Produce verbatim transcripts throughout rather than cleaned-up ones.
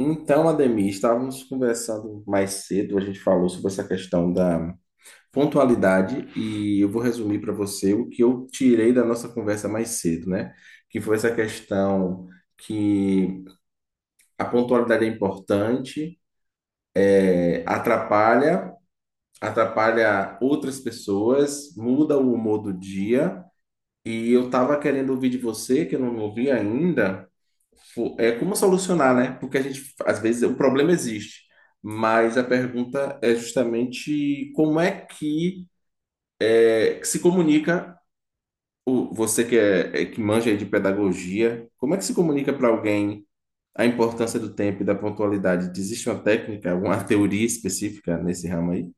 Então, Ademir, estávamos conversando mais cedo, a gente falou sobre essa questão da pontualidade e eu vou resumir para você o que eu tirei da nossa conversa mais cedo, né? Que foi essa questão que a pontualidade é importante, é, atrapalha, atrapalha outras pessoas, muda o humor do dia. E eu tava querendo ouvir de você, que eu não ouvi ainda, fo- é como solucionar, né? Porque a gente, às vezes, o problema existe, mas a pergunta é justamente como é que é, que se comunica, o, você que, é, é- que manja aí de pedagogia, como é que se comunica para alguém a importância do tempo e da pontualidade? Existe uma técnica, alguma teoria específica nesse ramo aí?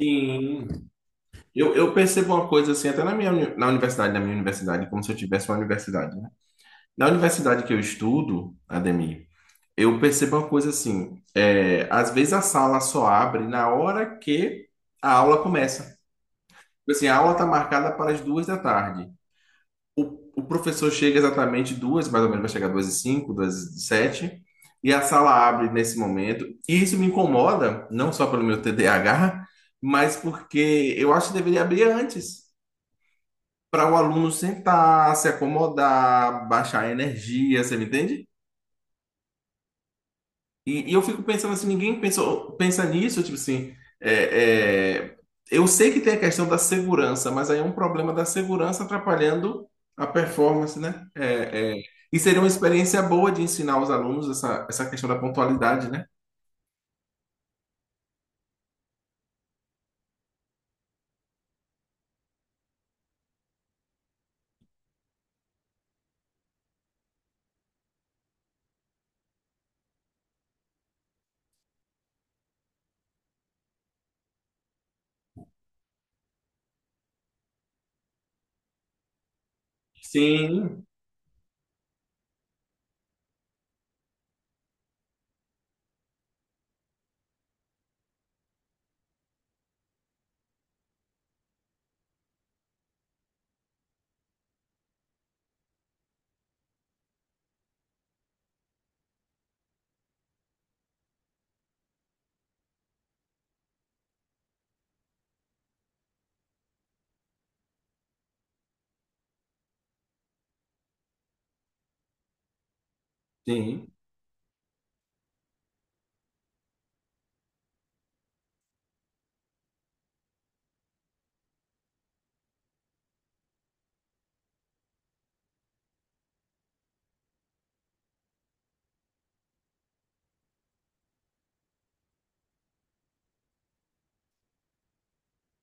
Sim, eu, eu percebo uma coisa assim, até na minha uni- na universidade, na minha universidade, como se eu tivesse uma universidade. Na universidade que eu estudo, Ademir, eu percebo uma coisa assim, é, às vezes a sala só abre na hora que a aula começa. Tipo assim, a aula está marcada para as duas da tarde. O, o professor chega exatamente duas, mais ou menos vai chegar duas e cinco, duas e sete, e a sala abre nesse momento. E isso me incomoda, não só pelo meu T D A H, mas porque eu acho que deveria abrir antes, para o aluno sentar, se acomodar, baixar a energia, você me entende? E, e eu fico pensando assim, ninguém pensou, pensa nisso, tipo assim, é, é, eu sei que tem a questão da segurança, mas aí é um problema da segurança atrapalhando a performance, né? É, é, e seria uma experiência boa de ensinar os alunos essa, essa questão da pontualidade, né? Sim, sim,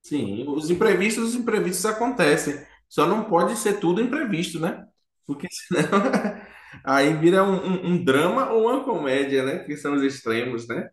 sim. Os imprevistos, os imprevistos acontecem. Só não pode ser tudo imprevisto, né? Porque senão aí vira um, um- um drama ou uma comédia, né? Que são os extremos, né?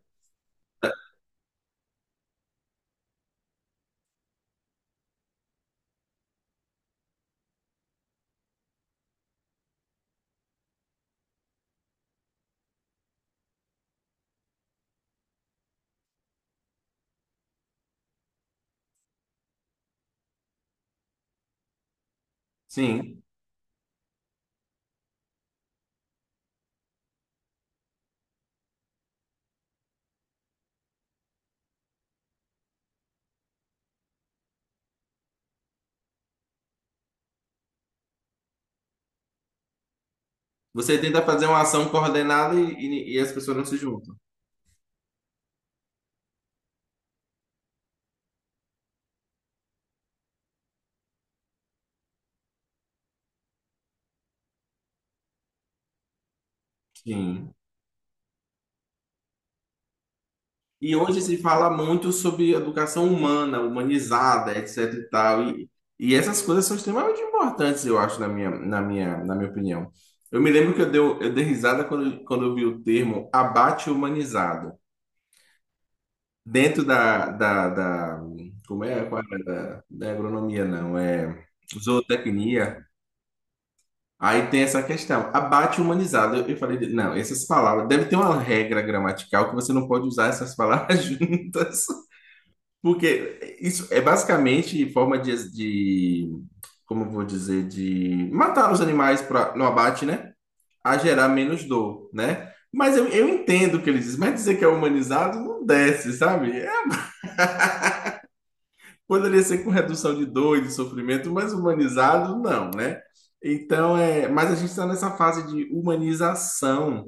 Sim. Você tenta fazer uma ação coordenada e, e- e as pessoas não se juntam. Sim. E hoje se fala muito sobre educação humana, humanizada, etc e tal. E, e essas coisas são extremamente importantes, eu acho, na minha, na minha, na minha opinião. Eu me lembro que eu, deu, eu dei risada quando, quando eu vi o termo abate humanizado. Dentro da, da, da- como é? Qual era? Da, da agronomia, não, é zootecnia. Aí tem essa questão, abate humanizado. Eu eu falei, de- não, essas palavras, deve ter uma regra gramatical que você não pode usar essas palavras juntas, porque isso é basicamente forma de, de- como eu vou dizer, de matar os animais pra, no abate, né? A gerar menos dor, né? Mas eu, eu entendo o que ele diz, mas dizer que é humanizado não desce, sabe? É, poderia ser com redução de dor e de sofrimento, mas humanizado não, né? Então, é, mas a gente está nessa fase de humanização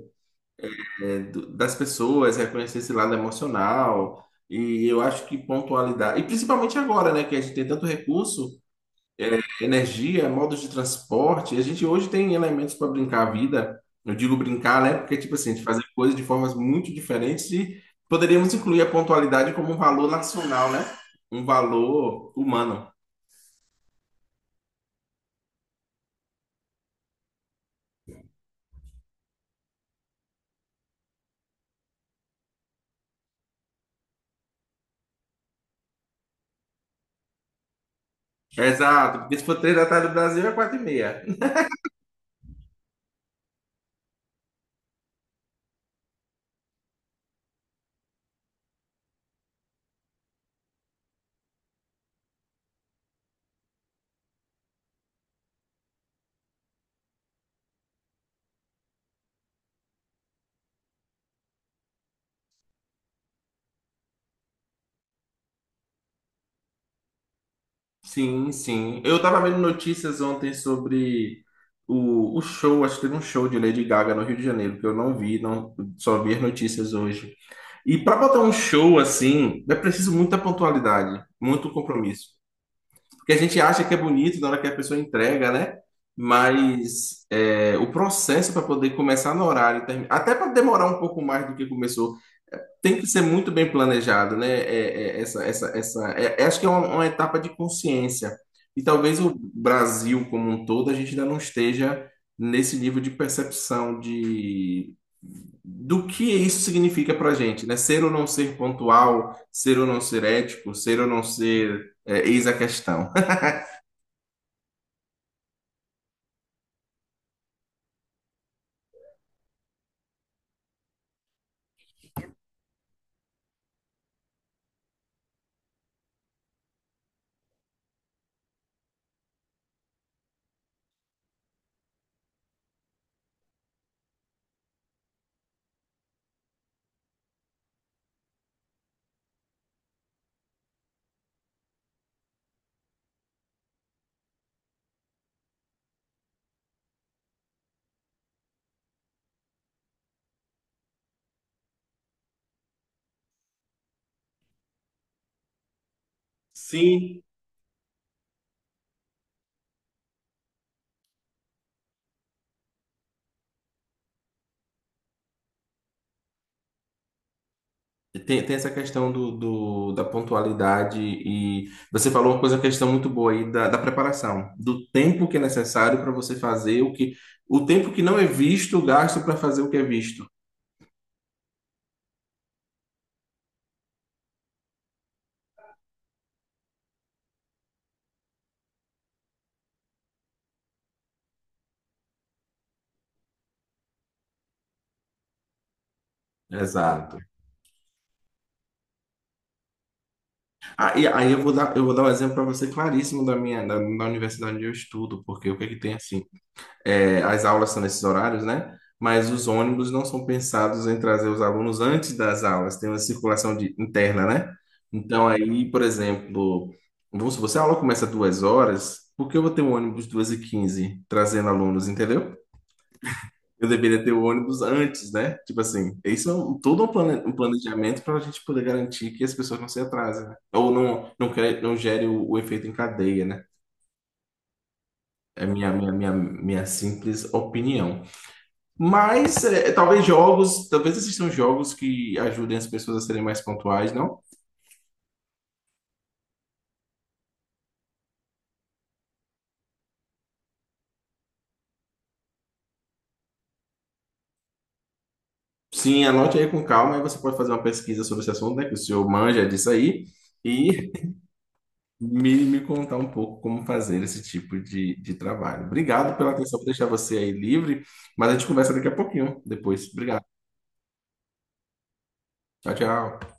é, do- das pessoas, reconhecer esse lado emocional. E eu acho que pontualidade, e principalmente agora, né, que a gente tem tanto recurso, é, energia, modos de transporte, a gente hoje tem elementos para brincar a vida. Eu digo brincar, né, porque tipo assim, a gente fazer coisas de formas muito diferentes e poderíamos incluir a pontualidade como um valor nacional, né? Um valor humano. Exato, porque se for três da tarde do Brasil é quatro e meia. Sim, sim. Eu tava vendo notícias ontem sobre o, o show, acho que teve um show de Lady Gaga no Rio de Janeiro, que eu não vi, não, só vi as notícias hoje. E para botar um show assim, é preciso muita pontualidade, muito compromisso. Porque a gente acha que é bonito na hora que a pessoa entrega, né? Mas é, o processo para poder começar no horário, termi- até para demorar um pouco mais do que começou, tem que ser muito bem planejado, né? É, é, essa, essa, essa, é, é, acho que é uma, uma, etapa de consciência. E talvez o Brasil como um todo, a gente ainda não esteja nesse nível de percepção de, do que isso significa para a gente, né? Ser ou não ser pontual, ser ou não ser ético, ser ou não ser, é, eis a questão. Sim. Tem, tem essa questão do, do- da pontualidade e você falou uma coisa, uma questão muito boa aí da, da preparação, do tempo que é necessário para você fazer o que, o tempo que não é visto, gasto para fazer o que é visto. Exato. Ah, e aí eu vou dar, eu vou dar um exemplo para você claríssimo da minha, da, da universidade onde eu estudo, porque o que é que tem assim? É, as aulas são nesses horários, né? Mas os ônibus não são pensados em trazer os alunos antes das aulas, tem uma circulação de- interna, né? Então, aí, por exemplo, vamos supor, se a aula começa duas horas, por que eu vou ter um ônibus duas e quinze trazendo alunos, entendeu? Eu deveria ter o ônibus antes, né? Tipo assim, isso é um- todo um plane- um planejamento para a gente poder garantir que as pessoas não se atrasem, né? Ou não, não, cre- não gere o, o efeito em cadeia, né? É minha, minha, minha, minha simples opinião. Mas é, talvez jogos, talvez existam jogos que ajudem as pessoas a serem mais pontuais, não? Sim, anote aí com calma, aí você pode fazer uma pesquisa sobre esse assunto, né? Que o senhor manja disso aí, e me, me contar um pouco como fazer esse tipo de, de trabalho. Obrigado pela atenção por deixar você aí livre, mas a gente conversa daqui a pouquinho, depois. Obrigado. Tchau, tchau.